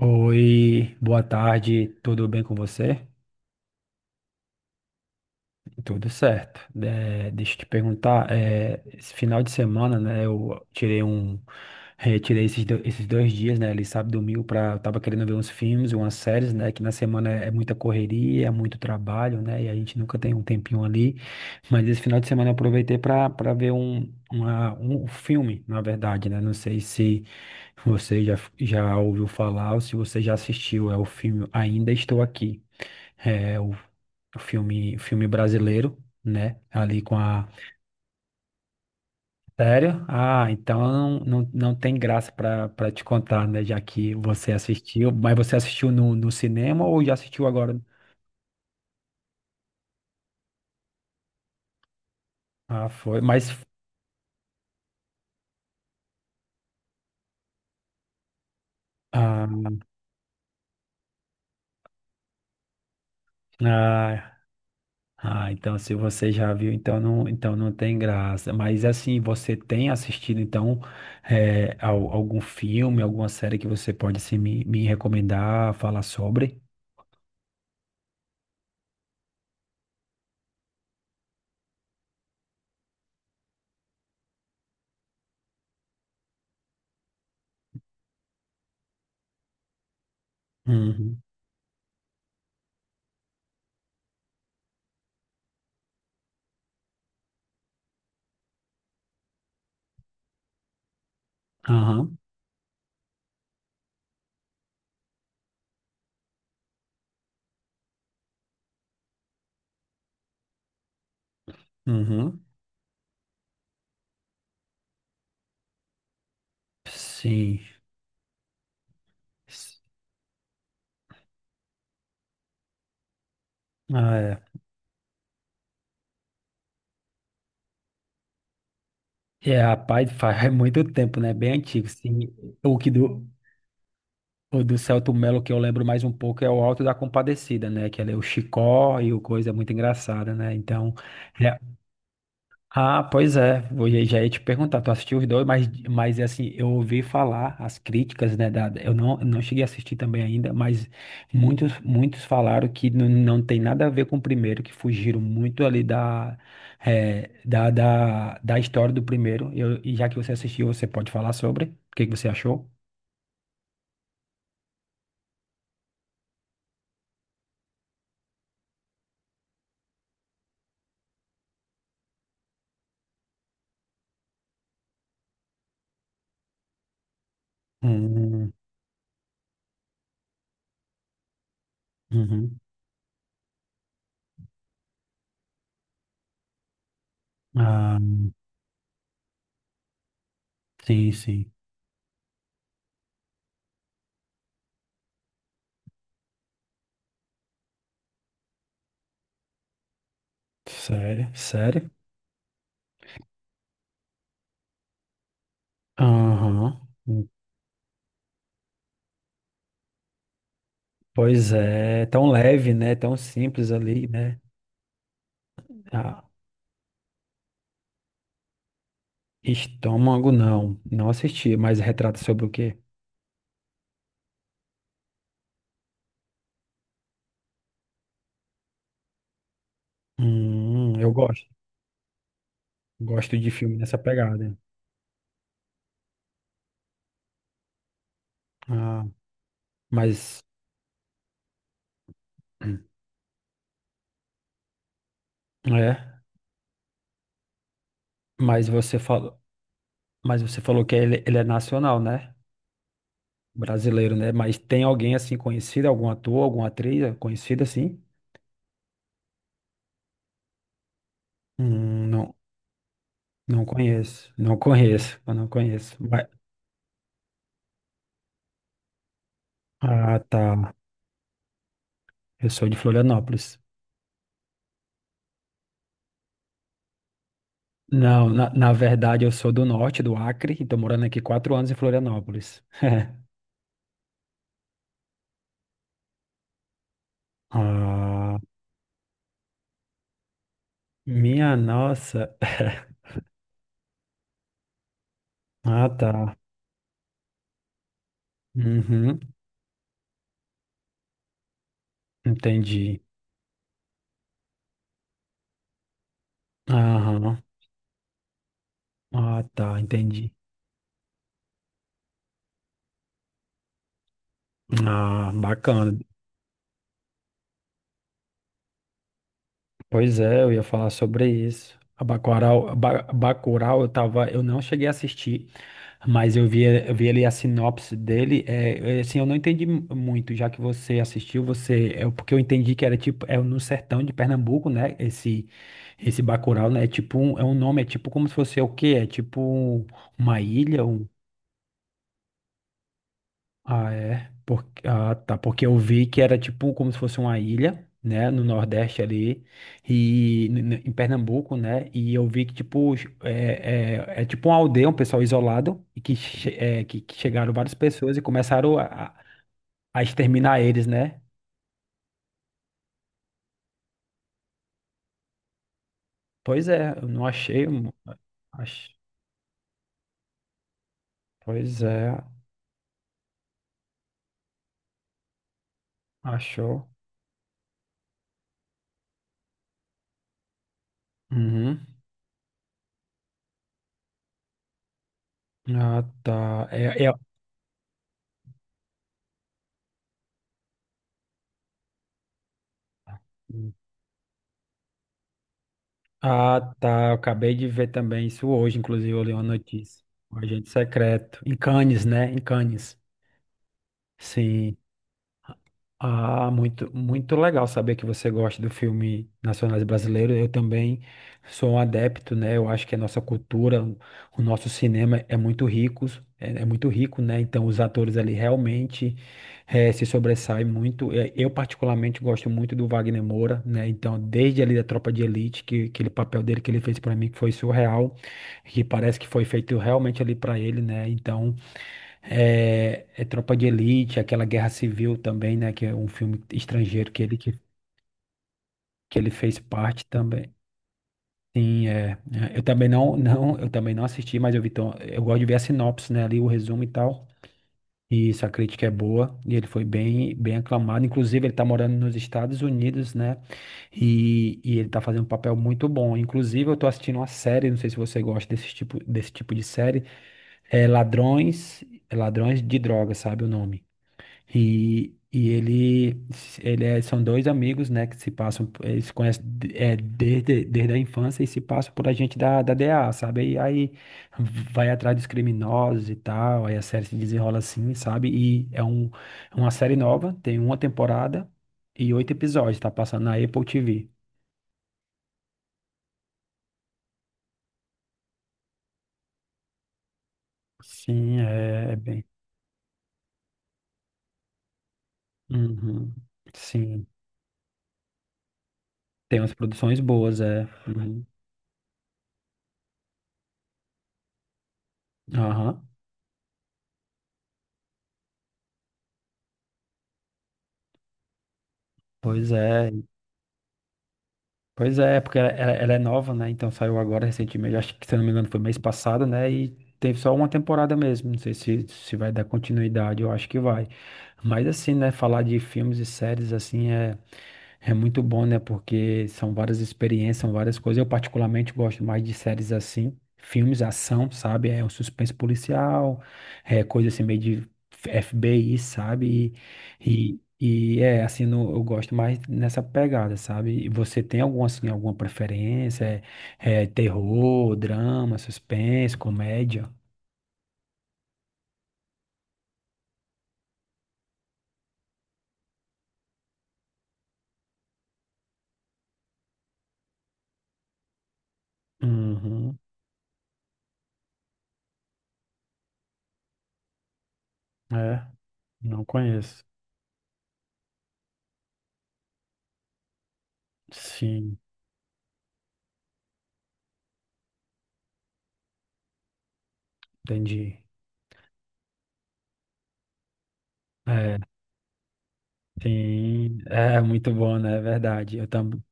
Oi, boa tarde, tudo bem com você? Tudo certo. Deixa eu te perguntar, esse final de semana, né, eu tirei um, tirei esses, esses 2 dias, né, ali sábado e domingo, pra, eu tava querendo ver uns filmes, umas séries, né, que na semana é muita correria, é muito trabalho, né, e a gente nunca tem um tempinho ali, mas esse final de semana eu aproveitei pra, ver um, um filme, na verdade, né, não sei se você já ouviu falar ou se você já assistiu, é o filme Ainda Estou Aqui. é, o, o filme brasileiro, né? Ali com a. Sério? Ah, então não, não, não tem graça pra para te contar, né? Já que você assistiu, mas você assistiu no, cinema ou já assistiu agora? Ah, foi. Mas. Ah, ah, ah, então se você já viu, então não tem graça. Mas assim, você tem assistido então algum filme, alguma série que você pode assim, me recomendar, falar sobre? Uhum. Aham. Uhum. Sim. Ah, é. É, rapaz, faz é muito tempo, né? Bem antigo. Sim. O que do, o do Celto Melo que eu lembro mais um pouco é o Alto da Compadecida, né? Que ali é o Chicó e o coisa é muito engraçada, né? Então, é, ah, pois é, já ia te perguntar, tu assistiu os dois, mas, assim, eu ouvi falar as críticas, né, da, eu não, não cheguei a assistir também ainda, mas muitos, falaram que não, não tem nada a ver com o primeiro, que fugiram muito ali da, da história do primeiro. E já que você assistiu, você pode falar sobre, o que que você achou? Hum, uhum. Ah, sim, sim, sério, sério? Aham. Pois é, tão leve, né? Tão simples ali, né? Ah, estômago não, não assisti, mas retrata sobre o quê? Hum, eu gosto, gosto de filme nessa pegada. Ah, mas é, mas você falou, que ele é nacional, né? Brasileiro, né? Mas tem alguém assim conhecido, algum ator, alguma atriz conhecida assim? Não, não conheço, não conheço, eu não conheço. Ah, tá. Eu sou de Florianópolis. Não, na, verdade eu sou do norte, do Acre, e tô morando aqui 4 anos em Florianópolis. Ah, minha nossa. Ah, tá. Uhum, entendi. Aham. Ah, tá, entendi. Ah, bacana. Pois é, eu ia falar sobre isso. A Bacurau, Bacurau, eu não cheguei a assistir. Mas eu vi, ali a sinopse dele, assim, eu não entendi muito, já que você assistiu, é porque eu entendi que era tipo, é no sertão de Pernambuco, né, esse, Bacurau, né, é um nome, é tipo como se fosse é o quê? É tipo uma ilha, é. Ah, tá. Porque eu vi que era tipo como se fosse uma ilha, né? No Nordeste ali. E em Pernambuco, né? E eu vi que, tipo, é tipo uma aldeia, um pessoal isolado, que chegaram várias pessoas e começaram a a exterminar eles, né? Pois é, eu não achei. Ach- Pois é, achou. Uhum. Ah, tá. É... Ah, tá. Eu acabei de ver também isso hoje, inclusive, eu li uma notícia. Um agente secreto. Em Cannes, né? Em Cannes. Sim. Ah, muito, muito legal saber que você gosta do filme nacionais brasileiro. Eu também sou um adepto, né? Eu acho que a nossa cultura, o nosso cinema é muito rico, é muito rico, né? Então os atores ali realmente se sobressaem muito. Eu particularmente gosto muito do Wagner Moura, né? Então desde ali da Tropa de Elite, que aquele papel dele que ele fez para mim que foi surreal, que parece que foi feito realmente ali para ele, né? Então é Tropa de Elite, aquela Guerra Civil também, né? Que é um filme estrangeiro que ele fez parte também. Sim, é. Eu também não, não, eu também não assisti, mas eu vi, eu gosto de ver a sinopse, né? Ali o resumo e tal. E isso, a crítica é boa. E ele foi bem, bem aclamado. Inclusive, ele tá morando nos Estados Unidos, né? E ele tá fazendo um papel muito bom. Inclusive, eu tô assistindo uma série, não sei se você gosta desse tipo, de série. É Ladrões, Ladrões de Drogas, sabe o nome? E são dois amigos, né, que se passam, eles se conhecem desde, a infância e se passam por agente da, DEA, sabe? E aí vai atrás dos criminosos e tal, aí a série se desenrola assim, sabe? E é um, é uma série nova, tem uma temporada e oito episódios, tá passando na Apple TV. Sim, é bem. Uhum. Sim, tem umas produções boas, é. Uhum. Aham. Pois é. Pois é, porque ela, é nova, né? Então saiu agora recentemente, acho que se eu não me engano foi mês passado, né? E teve só uma temporada mesmo. Não sei se vai dar continuidade, eu acho que vai. Mas assim, né? Falar de filmes e séries assim é muito bom, né? Porque são várias experiências, são várias coisas. Eu particularmente gosto mais de séries assim, filmes, ação, sabe? É um suspense policial, é coisa assim meio de FBI, sabe? E é assim, eu gosto mais nessa pegada, sabe? E você tem alguma assim, alguma preferência? É terror, drama, suspense, comédia? Uhum. É, não conheço. Sim, entendi. É. Sim, é muito bom, né? É verdade. Eu também.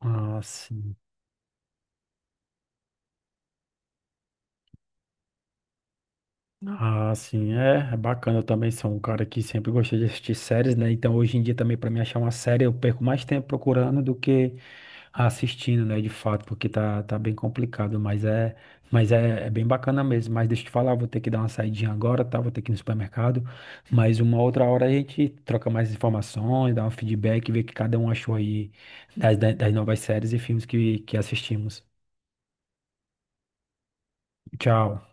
Ah, sim. Ah, sim, é bacana. Eu também sou um cara que sempre gostei de assistir séries, né? Então, hoje em dia, também, para me achar uma série, eu perco mais tempo procurando do que assistindo, né? De fato, porque tá bem complicado. Mas é bem bacana mesmo. Mas deixa eu te falar, vou ter que dar uma saidinha agora, tá? Vou ter que ir no supermercado. Mas uma outra hora a gente troca mais informações, dá um feedback, vê o que cada um achou aí das, das novas séries e filmes que assistimos. Tchau.